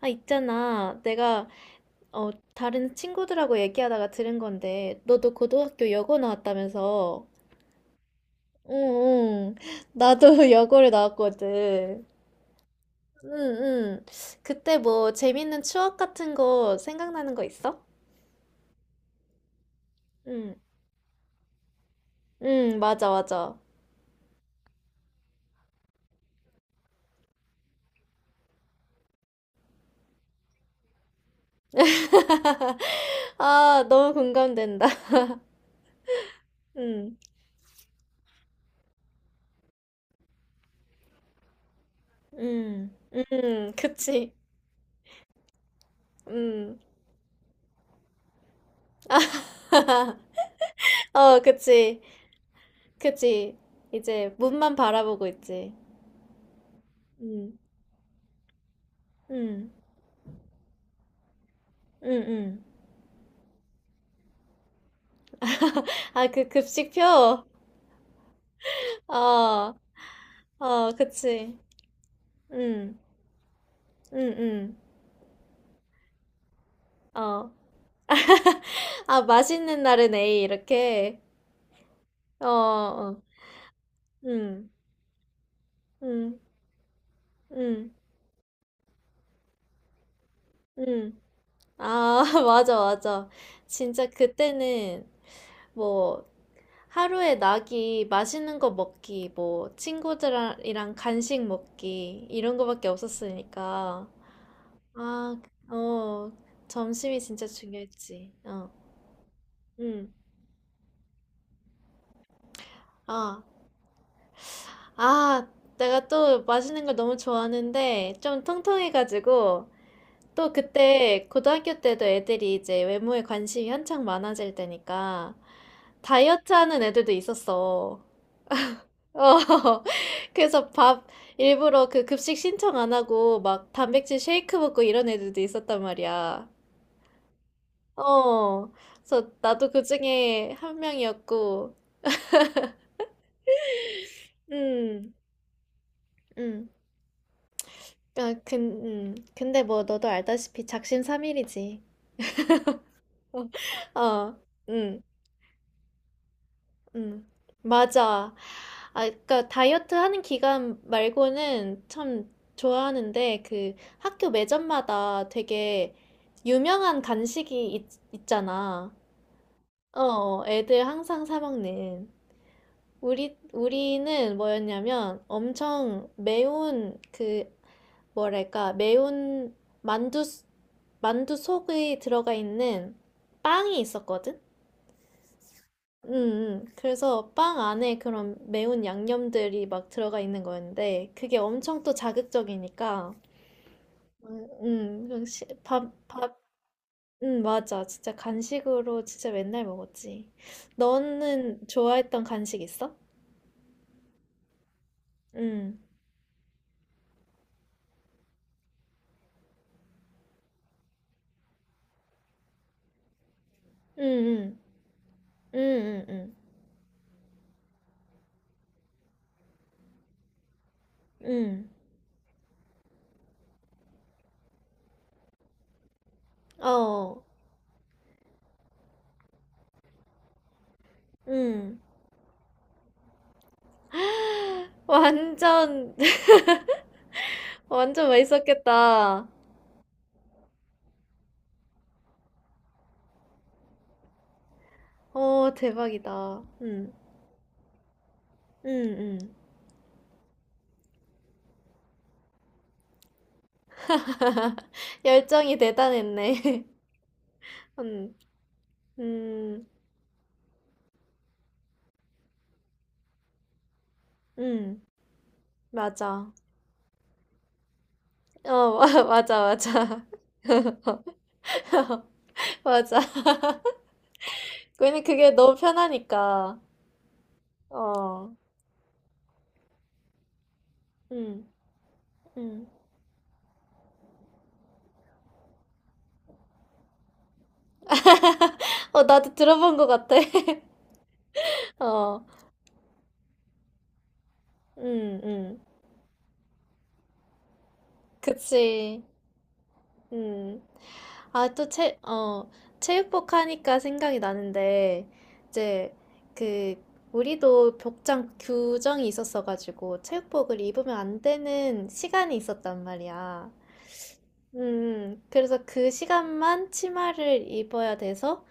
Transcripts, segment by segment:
아, 있잖아. 내가, 다른 친구들하고 얘기하다가 들은 건데, 너도 고등학교 여고 나왔다면서. 응, 응. 나도 여고를 나왔거든. 응, 응. 그때 뭐, 재밌는 추억 같은 거 생각나는 거 있어? 응, 응, 맞아, 맞아. 아, 너무 공감된다. 응, 응, 응, 그치. 응. 어, 그치. 그치. 이제, 문만 바라보고 있지. 응, 응. 응, 응. 아, 그 급식표? 어, 어, 그치. 응, 응, 응. 어. 아, 맛있는 날은 A, 이렇게. 어, 어. 응, 응, 응, 응. 아, 맞아, 맞아. 진짜 그때는 뭐, 하루에 낙이 맛있는 거 먹기, 뭐, 친구들이랑 간식 먹기, 이런 거밖에 없었으니까. 아, 어, 점심이 진짜 중요했지. 어. 응. 아, 아, 내가 또 맛있는 걸 너무 좋아하는데 좀 통통해가지고 또 그때 고등학교 때도 애들이 이제 외모에 관심이 한창 많아질 때니까 다이어트 하는 애들도 있었어. 어, 그래서 밥 일부러 그 급식 신청 안 하고 막 단백질 쉐이크 먹고 이런 애들도 있었단 말이야. 어, 그래서 나도 그 중에 한 명이었고, 음, 음. 근데 뭐 너도 알다시피 작심삼일이지. 어, 응, 응. 맞아. 아, 그러니까 다이어트 하는 기간 말고는 참 좋아하는데 그 학교 매점마다 되게 유명한 간식이 있잖아. 어, 어, 애들 항상 사 먹는. 우리는 뭐였냐면 엄청 매운 그 뭐랄까, 매운 만두, 만두 속에 들어가 있는 빵이 있었거든? 응, 응, 그래서 빵 안에 그런 매운 양념들이 막 들어가 있는 거였는데, 그게 엄청 또 자극적이니까, 응, 그냥 밥, 응. 맞아. 진짜 간식으로 진짜 맨날 먹었지. 너는 좋아했던 간식 있어? 응, 응, 응, 응, 응, 응, 응, 어, 응. 완전 어, 완전 맛있었겠다. 오, 대박이다. 응, 응, 응. 열정이 대단했네. 응. 음, 응. 맞아. 어, 맞아, 맞아. 맞아. 괜히 그게 너무 편하니까. 어, 응, 응. 어, 나도 들어본 것 같아. 어, 응응 그치. 음. 아, 또 체, 어, 체육복 하니까 생각이 나는데, 이제, 그, 우리도 복장 규정이 있었어가지고, 체육복을 입으면 안 되는 시간이 있었단 말이야. 그래서 그 시간만 치마를 입어야 돼서,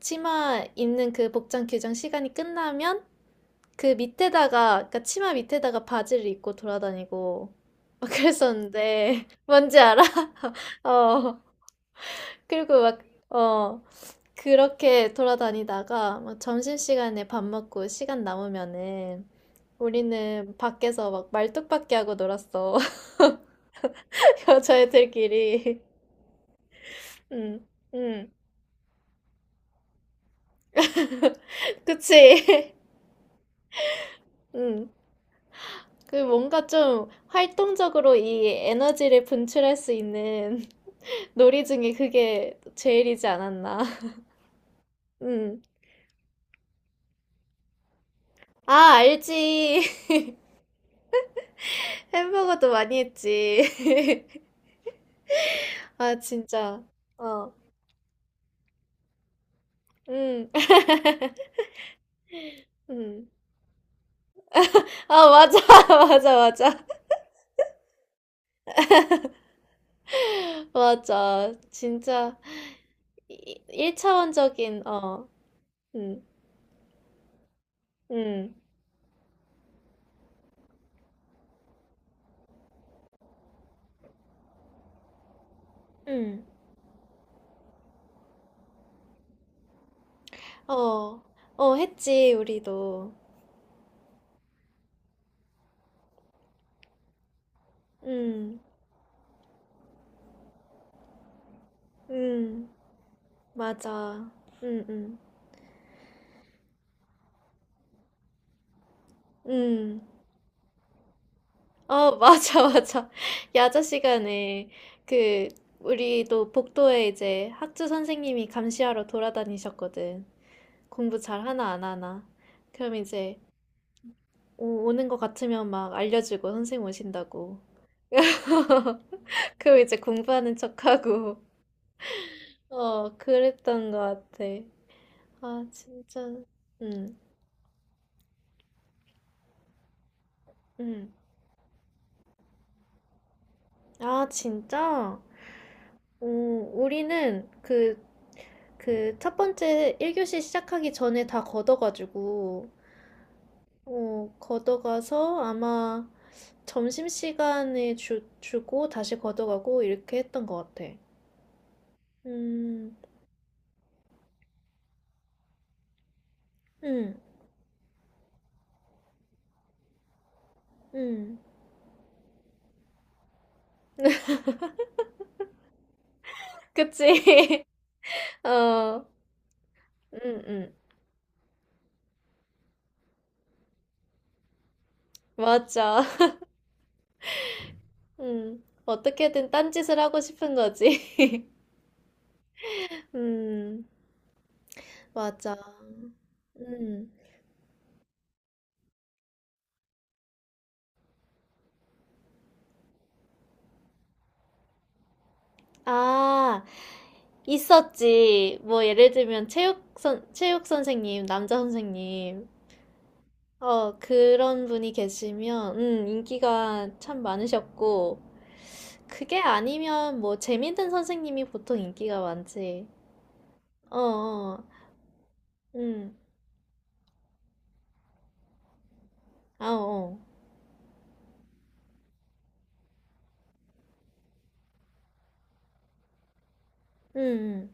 치마 입는 그 복장 규정 시간이 끝나면, 그 밑에다가, 그니까 치마 밑에다가 바지를 입고 돌아다니고, 막 그랬었는데, 뭔지 알아? 어. 그리고 막, 어, 그렇게 돌아다니다가 막 점심시간에 밥 먹고 시간 남으면은 우리는 밖에서 막 말뚝박기 하고 놀았어. 여자애들끼리. 응, 응. 그치? 응. 그 뭔가 좀 활동적으로 이 에너지를 분출할 수 있는 놀이 중에 그게 제일이지 않았나. 응. 아, 알지. 햄버거도 많이 했지. 아, 진짜. 어, 응, 응. 아, 맞아, 맞아, 맞아. 맞아. 진짜 1차원적인, 어, 음, 음, 음, 어, 어, 했지, 우리도. 음, 음, 맞아. 음, 음, 음. 어, 맞아, 맞아. 야자 시간에 그, 우리도 복도에 이제 학주 선생님이 감시하러 돌아다니셨거든. 공부 잘 하나, 안 하나. 그럼 이제 오는 것 같으면 막 알려주고 선생님 오신다고. 그리고 이제 공부하는 척하고 어, 그랬던 것 같아. 아, 진짜. 음, 음. 아, 진짜. 어, 우리는 그 첫 번째 1교시 시작하기 전에 다 걷어가지고, 어, 걷어가서 아마 점심시간에 주고 다시 걷어가고 이렇게 했던 것 같아. 음, 음, 음. 그치? 어, 음, 음. 맞아. 어떻게든 딴짓을 하고 싶은 거지. 음, 맞아. 음. 아, 있었지. 뭐, 예를 들면, 체육 선생님, 남자 선생님. 어, 그런 분이 계시면, 인기가 참 많으셨고, 그게 아니면, 뭐, 재밌는 선생님이 보통 인기가 많지. 어, 어, 음, 아, 어, 음,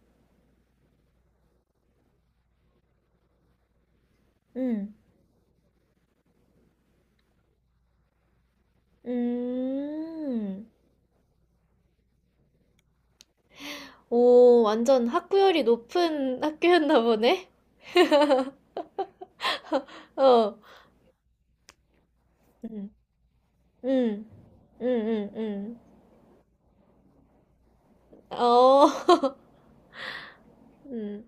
음, 음. 음. 오, 완전 학구열이 높은 학교였나 보네? 어, 음, 음, 음, 음, 음. 어, 음,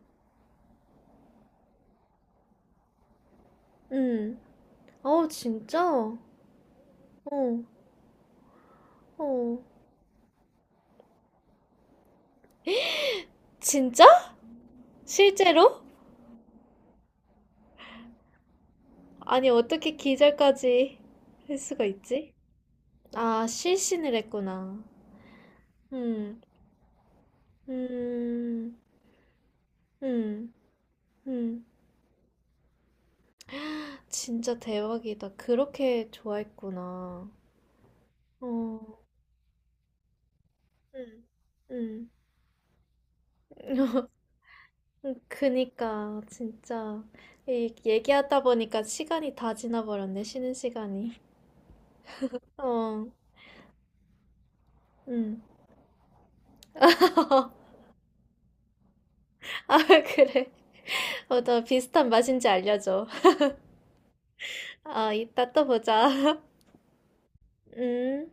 음. 어, 진짜? 어, 어. 진짜? 실제로? 아니, 어떻게 기절까지 할 수가 있지? 아, 실신을 했구나. 음, 음, 음, 음. 진짜 대박이다. 그렇게 좋아했구나. 어, 음, 음. 그니까 진짜 이 얘기하다 보니까 시간이 다 지나버렸네, 쉬는 시간이. 어. 음. 아, 그래. 어, 너 비슷한 맛인지 알려줘. 아, 이따 또 보자. 음.